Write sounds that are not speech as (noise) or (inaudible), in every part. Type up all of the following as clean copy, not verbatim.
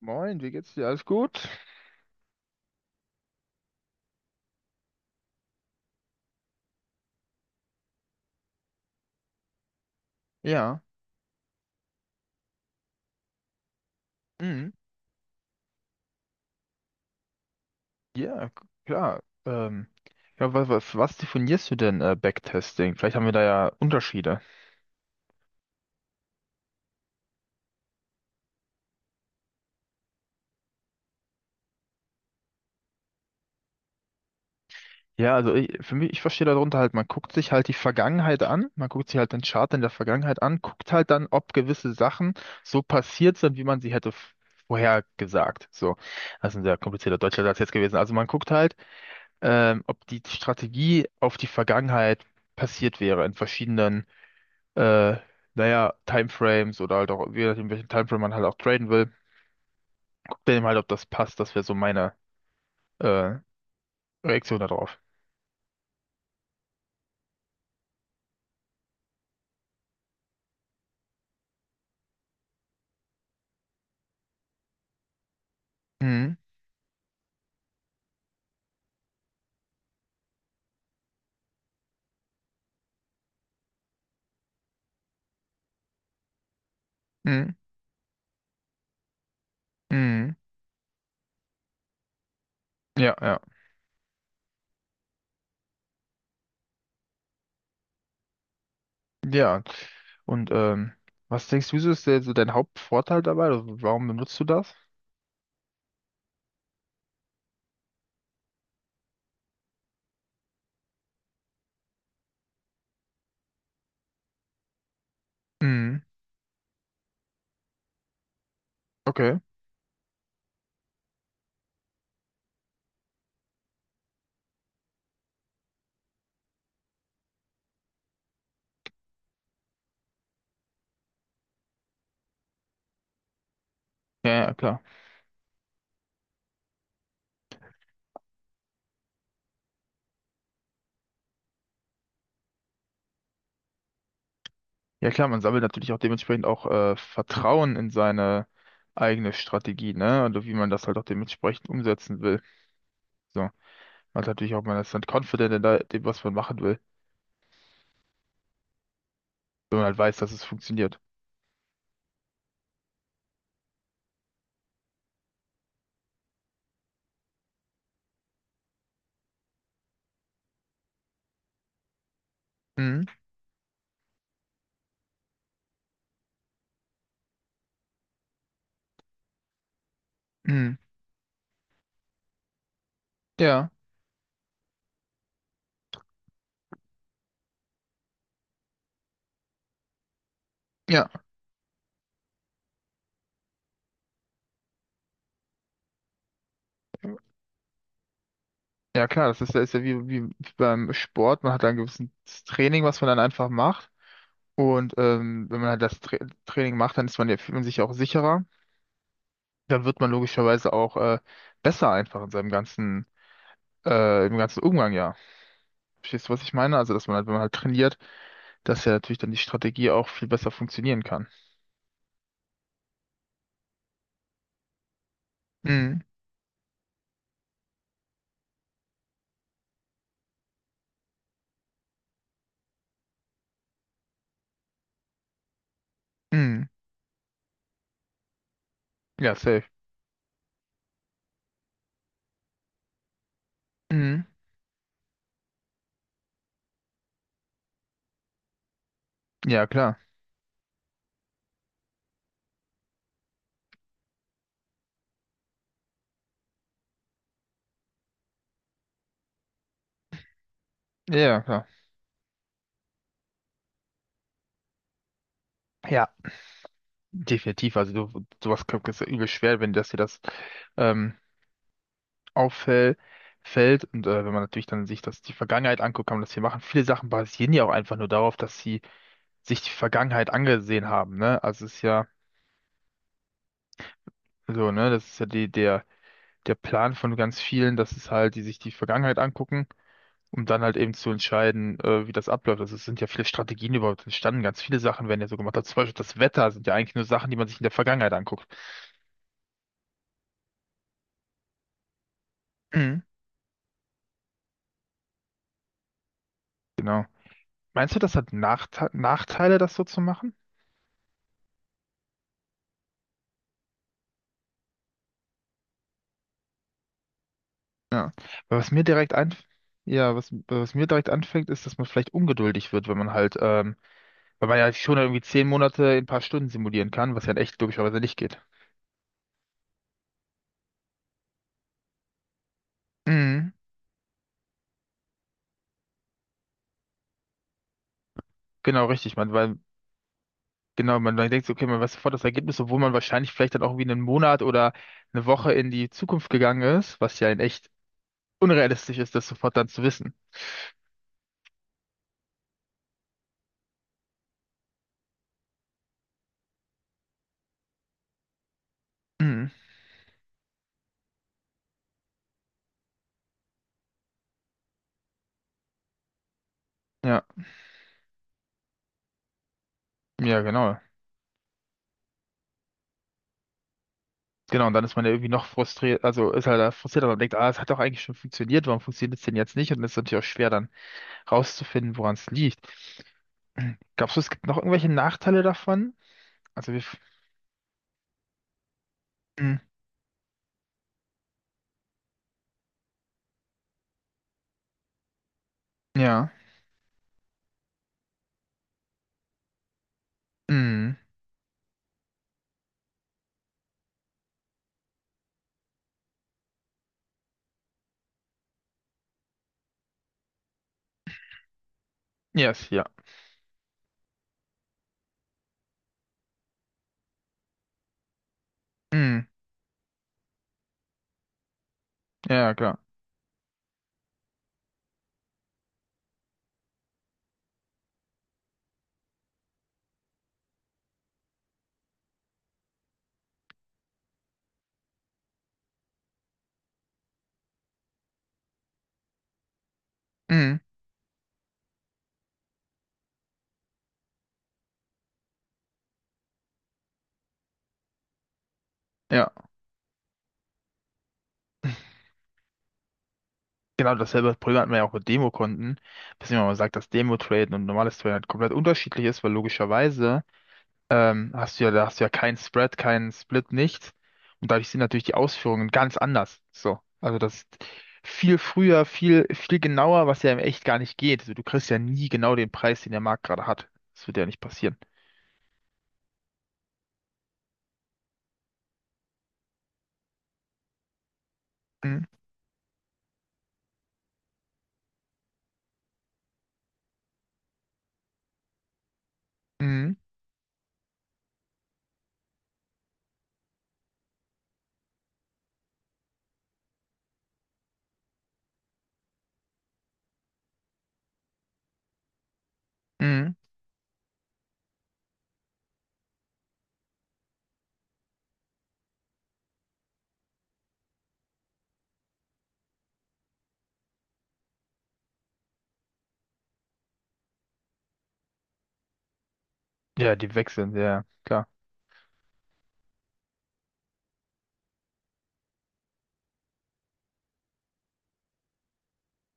Moin, wie geht's dir? Alles gut? Ja, mhm. Ja, klar. Ja, was definierst du denn Backtesting? Vielleicht haben wir da ja Unterschiede. Ja, also für mich, ich verstehe darunter halt, man guckt sich halt die Vergangenheit an, man guckt sich halt den Chart in der Vergangenheit an, guckt halt dann, ob gewisse Sachen so passiert sind, wie man sie hätte vorhergesagt. So, das ist ein sehr komplizierter deutscher Satz jetzt gewesen. Also man guckt halt, ob die Strategie auf die Vergangenheit passiert wäre in verschiedenen äh, naja, Timeframes oder halt auch, je nachdem, welchen Timeframe man halt auch traden will, guckt dann eben halt, ob das passt. Das wäre so meine äh, Reaktion darauf. Mhm, mhm, mhm. Ja, ja. Ja. Und was denkst du, ist der, so dein Hauptvorteil dabei? Also, warum benutzt du das? Mhm. Okay. Ja, ja, klar. Ja, klar, man sammelt natürlich auch dementsprechend auch Vertrauen in seine eigene Strategie, ne? Und wie man das halt auch dementsprechend umsetzen will. So. Man hat natürlich auch, man ist dann confident in dem, was man machen will, wenn man halt weiß, dass es funktioniert. Mhm. Mhm. Ja, ja, ja klar, das ist ja wie, wie beim Sport. Man hat da ein gewisses Training, was man dann einfach macht und wenn man halt das Training macht, dann ist man ja, fühlt man sich auch sicherer, dann wird man logischerweise auch besser einfach in seinem ganzen, im ganzen Umgang, ja. Verstehst du, was ich meine? Also, dass man halt, wenn man halt trainiert, dass ja natürlich dann die Strategie auch viel besser funktionieren kann. Mhm. Mhm. Ja, safe. Mhm. Ja, klar. Ja, ja, klar. Ja, definitiv. Also du, sowas ist ja übel schwer, wenn das dir das ähm, auffällt fällt und wenn man natürlich dann sich das die Vergangenheit anguckt, kann man das hier machen. Viele Sachen basieren ja auch einfach nur darauf, dass sie sich die Vergangenheit angesehen haben, ne? Also es ist ja so, ne, das ist ja der Plan von ganz vielen, dass es halt die sich die Vergangenheit angucken, um dann halt eben zu entscheiden, wie das abläuft. Also es sind ja viele Strategien überhaupt entstanden, ganz viele Sachen werden ja so gemacht. Also zum Beispiel das Wetter sind ja eigentlich nur Sachen, die man sich in der Vergangenheit anguckt. Mhm. Genau. Meinst du, das hat Nachteile, das so zu machen? Ja. Weil was mir direkt ein, ja, was mir direkt anfängt, ist, dass man vielleicht ungeduldig wird, wenn man halt, weil man ja schon irgendwie 10 Monate in ein paar Stunden simulieren kann, was ja in echt logischerweise nicht geht. Mhm. Genau, richtig. Man, weil, genau, man dann denkt, so, okay, man weiß sofort das Ergebnis, obwohl man wahrscheinlich vielleicht dann auch irgendwie einen Monat oder eine Woche in die Zukunft gegangen ist, was ja in echt unrealistisch ist, das sofort dann zu wissen. Mhm. Ja, ja, genau. Genau, und dann ist man ja irgendwie noch frustriert, also ist halt da frustriert, aber man denkt, ah, es hat doch eigentlich schon funktioniert, warum funktioniert es denn jetzt nicht? Und es ist natürlich auch schwer, dann rauszufinden, woran es liegt. (clears throat) Glaubst du, es gibt noch irgendwelche Nachteile davon? Also wir. Mm, ja. Mm, yes, ja. Mm, ja, ja, klar. Mm, ja. (clears throat) Genau dasselbe Problem hatten wir ja auch mit Demokonten. Dass jemand mal sagt, dass Demo-Traden und normales Traden halt komplett unterschiedlich ist, weil logischerweise. Hast du ja, da hast du ja keinen Spread, keinen Split, nichts. Und dadurch sind natürlich die Ausführungen ganz anders. So. Also das ist viel früher, viel, viel genauer, was ja im Echt gar nicht geht. Also du kriegst ja nie genau den Preis, den der Markt gerade hat. Das wird ja nicht passieren. Mhm. Mhm. Mhm. Ja, die wechseln, ja, ja, klar.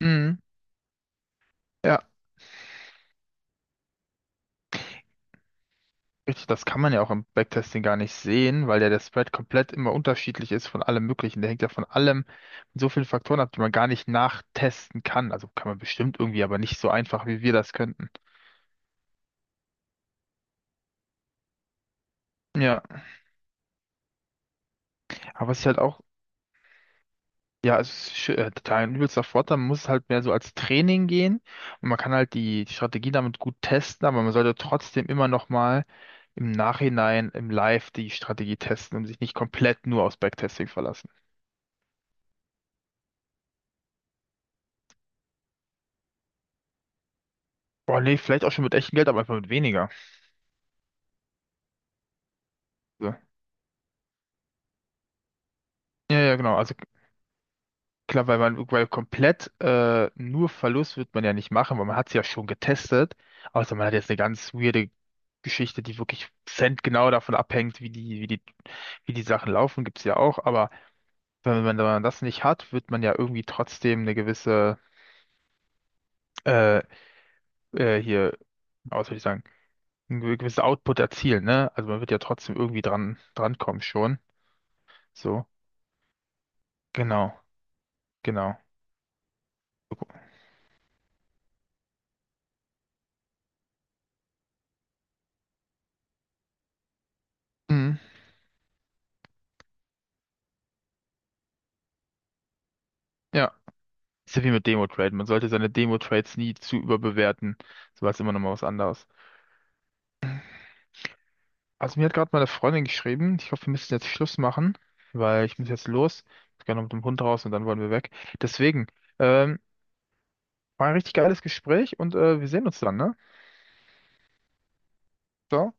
Mhm. Ja. Richtig, das kann man ja auch im Backtesting gar nicht sehen, weil ja der Spread komplett immer unterschiedlich ist von allem Möglichen. Der hängt ja von allem mit so vielen Faktoren ab, die man gar nicht nachtesten kann. Also kann man bestimmt irgendwie, aber nicht so einfach, wie wir das könnten. Ja, aber es ist halt auch, ja, es ist total ein übelster Vorteil. Man muss halt mehr so als Training gehen und man kann halt die Strategie damit gut testen, aber man sollte trotzdem immer noch mal im Nachhinein, im Live die Strategie testen und sich nicht komplett nur aufs Backtesting verlassen. Boah, nee, vielleicht auch schon mit echtem Geld, aber einfach mit weniger. So. Ja, ja, genau. Also klar, weil man weil komplett nur Verlust wird man ja nicht machen, weil man hat es ja schon getestet. Außer man hat jetzt eine ganz weirde Geschichte, die wirklich centgenau davon abhängt, wie die Sachen laufen, gibt's ja auch. Aber wenn man, wenn man das nicht hat, wird man ja irgendwie trotzdem eine gewisse äh, hier, ja, was soll ich sagen, einen gewissen Output erzielen, ne? Also man wird ja trotzdem irgendwie dran kommen schon. So, genau, genau. Mhm. Ja. Ist ja wie mit Demo-Trade. Man sollte seine Demo-Trades nie zu überbewerten. So war es immer noch mal was anderes. Also mir hat gerade meine Freundin geschrieben. Ich hoffe, wir müssen jetzt Schluss machen, weil ich muss jetzt los. Ich muss gerne mit dem Hund raus und dann wollen wir weg. Deswegen, ähm, war ein richtig geiles Gespräch und wir sehen uns dann, ne? Ciao.